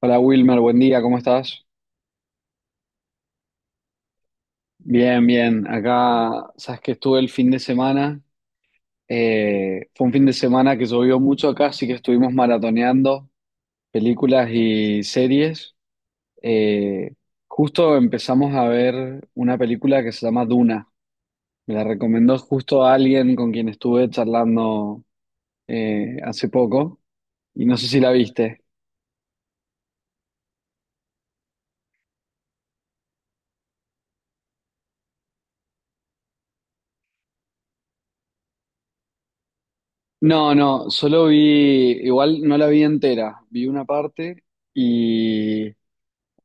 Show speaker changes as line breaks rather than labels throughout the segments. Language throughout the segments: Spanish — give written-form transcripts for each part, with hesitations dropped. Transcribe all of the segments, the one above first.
Hola Wilmer, buen día, ¿cómo estás? Bien, bien. Acá, sabes que estuve el fin de semana. Fue un fin de semana que llovió mucho acá, así que estuvimos maratoneando películas y series. Eh, justo empezamos a ver una película que se llama Duna. Me la recomendó justo a alguien con quien estuve charlando hace poco y no sé si la viste. No, no, solo vi, igual no la vi entera, vi una parte y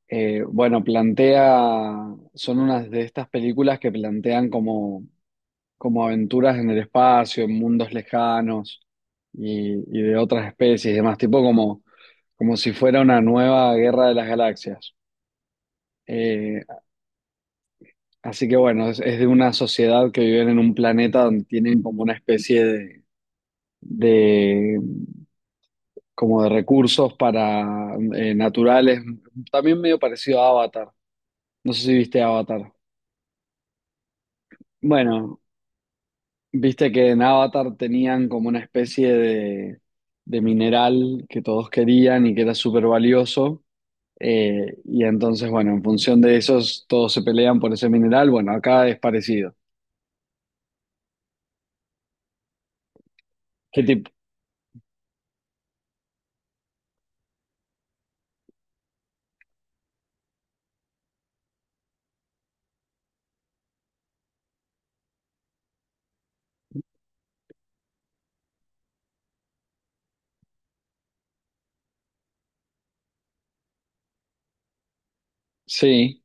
Bueno, son unas de estas películas que plantean como aventuras en el espacio, en mundos lejanos y de otras especies y demás, tipo como, si fuera una nueva guerra de las galaxias. Eh, así que bueno, es de una sociedad que viven en un planeta donde tienen como una especie de- como de recursos para naturales, también medio parecido a Avatar. No sé si viste Avatar. Bueno. Viste que en Avatar tenían como una especie de mineral que todos querían y que era súper valioso. Y entonces, bueno, en función de esos, todos se pelean por ese mineral. Bueno, acá es parecido. ¿Qué tipo? Sí.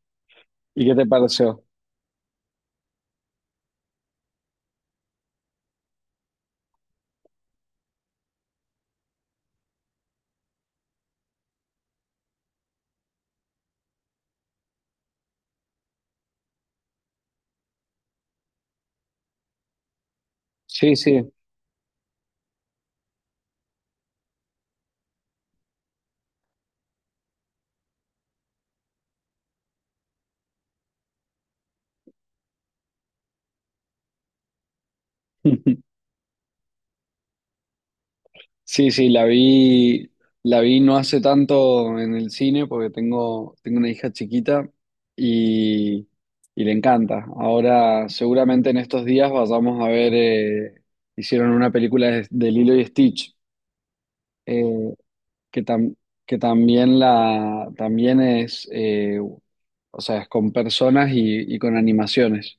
¿Y qué te pareció? Sí, sí. Sí, sí, la vi no hace tanto en el cine porque tengo una hija chiquita y, y le encanta. Ahora, seguramente en estos días vayamos a ver, hicieron una película de Lilo y Stitch, eh, que, tam- que también, también es, o sea, es con personas y con animaciones.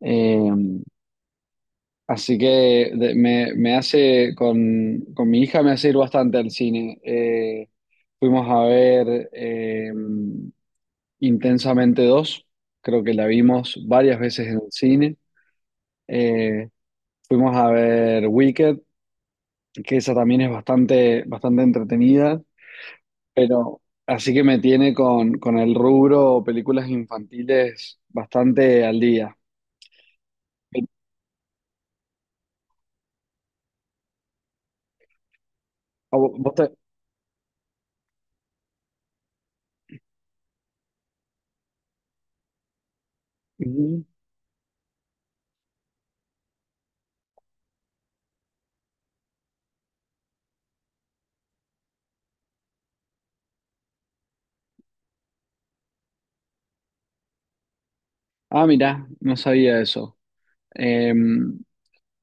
Eh, Así que de- me hace, con mi hija me hace ir bastante al cine. Fuimos a ver Intensamente dos, creo que la vimos varias veces en el cine. Eh, fuimos a ver Wicked, que esa también es bastante, bastante entretenida, pero así que me tiene con el rubro películas infantiles bastante al día. ¿Vos Ujú. Ah, mirá, no sabía eso. Em,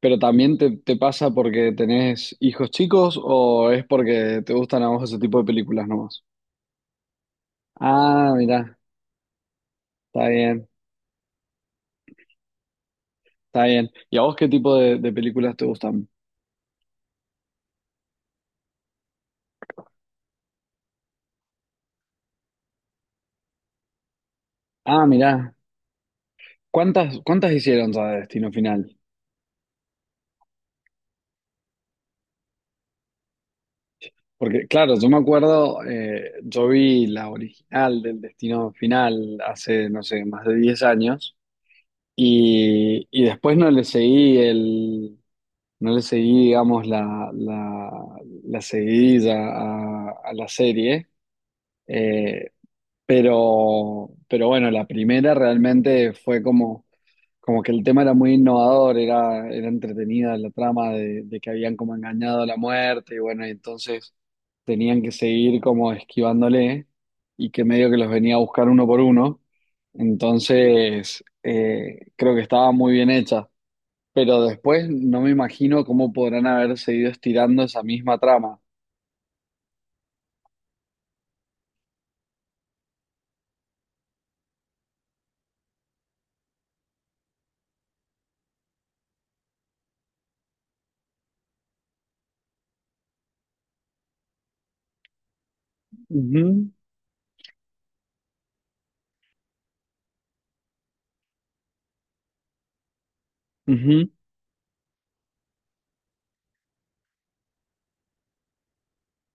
Pero también te pasa porque tenés hijos chicos o es porque te gustan a vos ese tipo de películas nomás. Ah, mirá, está bien, está bien. ¿Y a vos qué tipo de películas te gustan? Ah, mirá, ¿cuántas hicieron ya de Destino Final? Porque claro, yo me acuerdo, yo vi la original del Destino Final hace, no sé, más de 10 años y después no le seguí digamos, la seguidilla a la serie, eh, pero bueno, la primera realmente fue como que el tema era muy innovador, era entretenida la trama de que habían como engañado a la muerte y bueno, y entonces tenían que seguir como esquivándole y que medio que los venía a buscar uno por uno, entonces creo que estaba muy bien hecha. Pero después no me imagino cómo podrán haber seguido estirando esa misma trama. Ujú, ujú.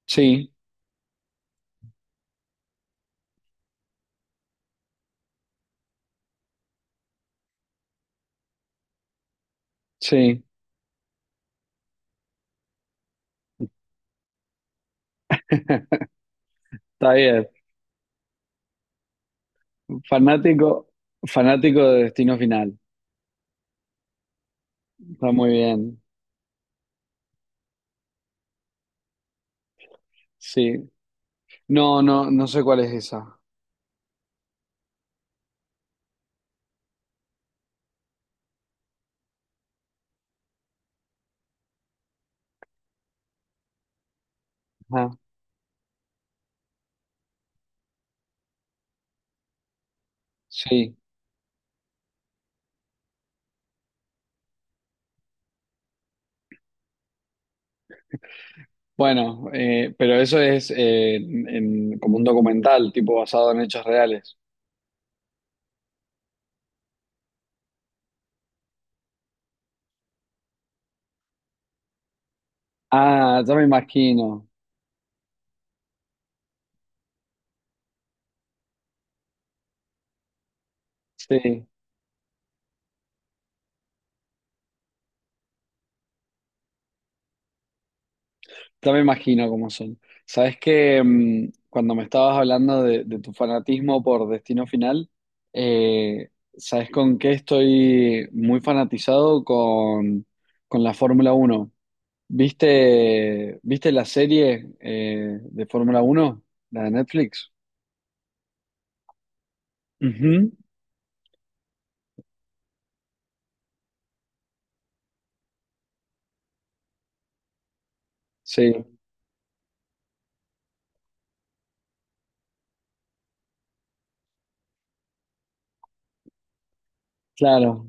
Sí, sí, está bien. Fanático, fanático de Destino Final. Está muy bien. Sí. No, no, no sé cuál es esa. Ajá. Sí. Bueno, pero eso es como un documental, tipo basado en hechos reales. Ah, ya me imagino. Sí, ya me imagino cómo son. Sabes que cuando me estabas hablando de tu fanatismo por Destino Final, eh, ¿sabes con qué estoy muy fanatizado? Con la Fórmula Uno. ¿Viste la serie de Fórmula Uno, la de Netflix? Ujú, sí, claro.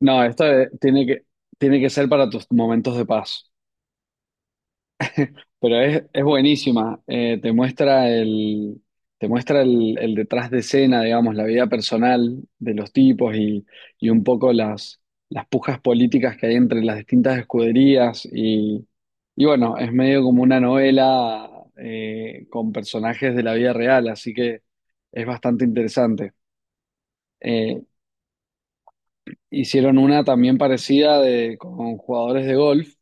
No, esto tiene que ser para tus momentos de paz. Pero es buenísima, te muestra el detrás de escena, digamos, la vida personal de los tipos y un poco las pujas políticas que hay entre las distintas escuderías. Y bueno, es medio como una novela con personajes de la vida real, así que es bastante interesante. Eh, hicieron una también parecida con jugadores de golf.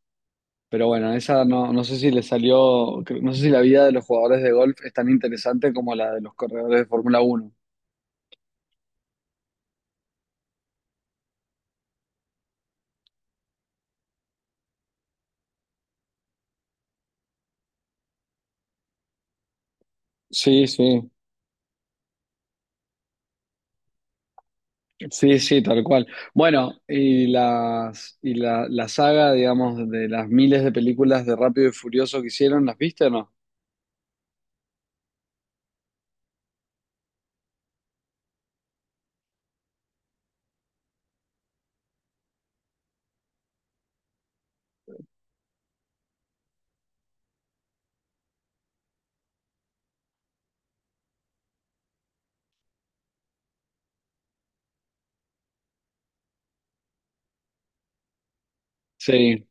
Pero bueno, esa no, no sé si le salió, no sé si la vida de los jugadores de golf es tan interesante como la de los corredores de Fórmula uno. Sí, sí, sí, sí, tal cual. Bueno, y la saga, digamos, de las miles de películas de Rápido y Furioso que hicieron, ¿las viste o no? Sí,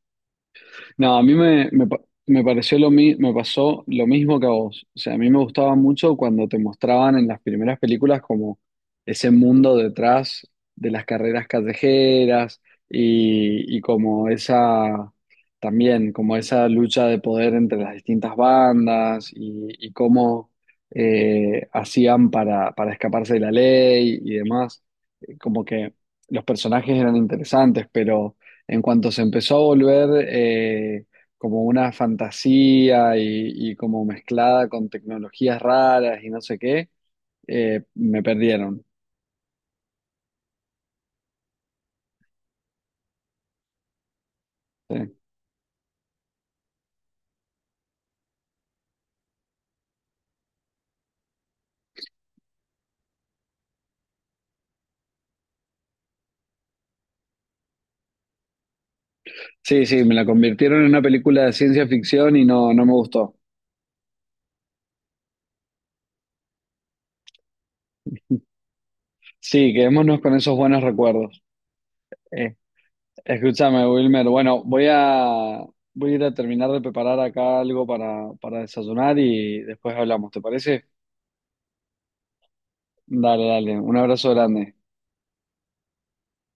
no, a mí me, me, pa- me pareció lo mi- me pasó lo mismo que a vos. O sea, a mí me gustaba mucho cuando te mostraban en las primeras películas como ese mundo detrás de las carreras callejeras y también como esa lucha de poder entre las distintas bandas y cómo hacían para escaparse de la ley y demás. Como que los personajes eran interesantes, pero en cuanto se empezó a volver como una fantasía y como mezclada con tecnologías raras y no sé qué, me perdieron. Sí. Sí, sí, me la convirtieron en una película de ciencia ficción y no me gustó. Sí, quedémonos con esos buenos recuerdos. Eh, escúchame, Wilmer. Bueno, voy a ir a terminar de preparar acá algo para desayunar y después hablamos, ¿te parece? Dale, dale. Un abrazo grande.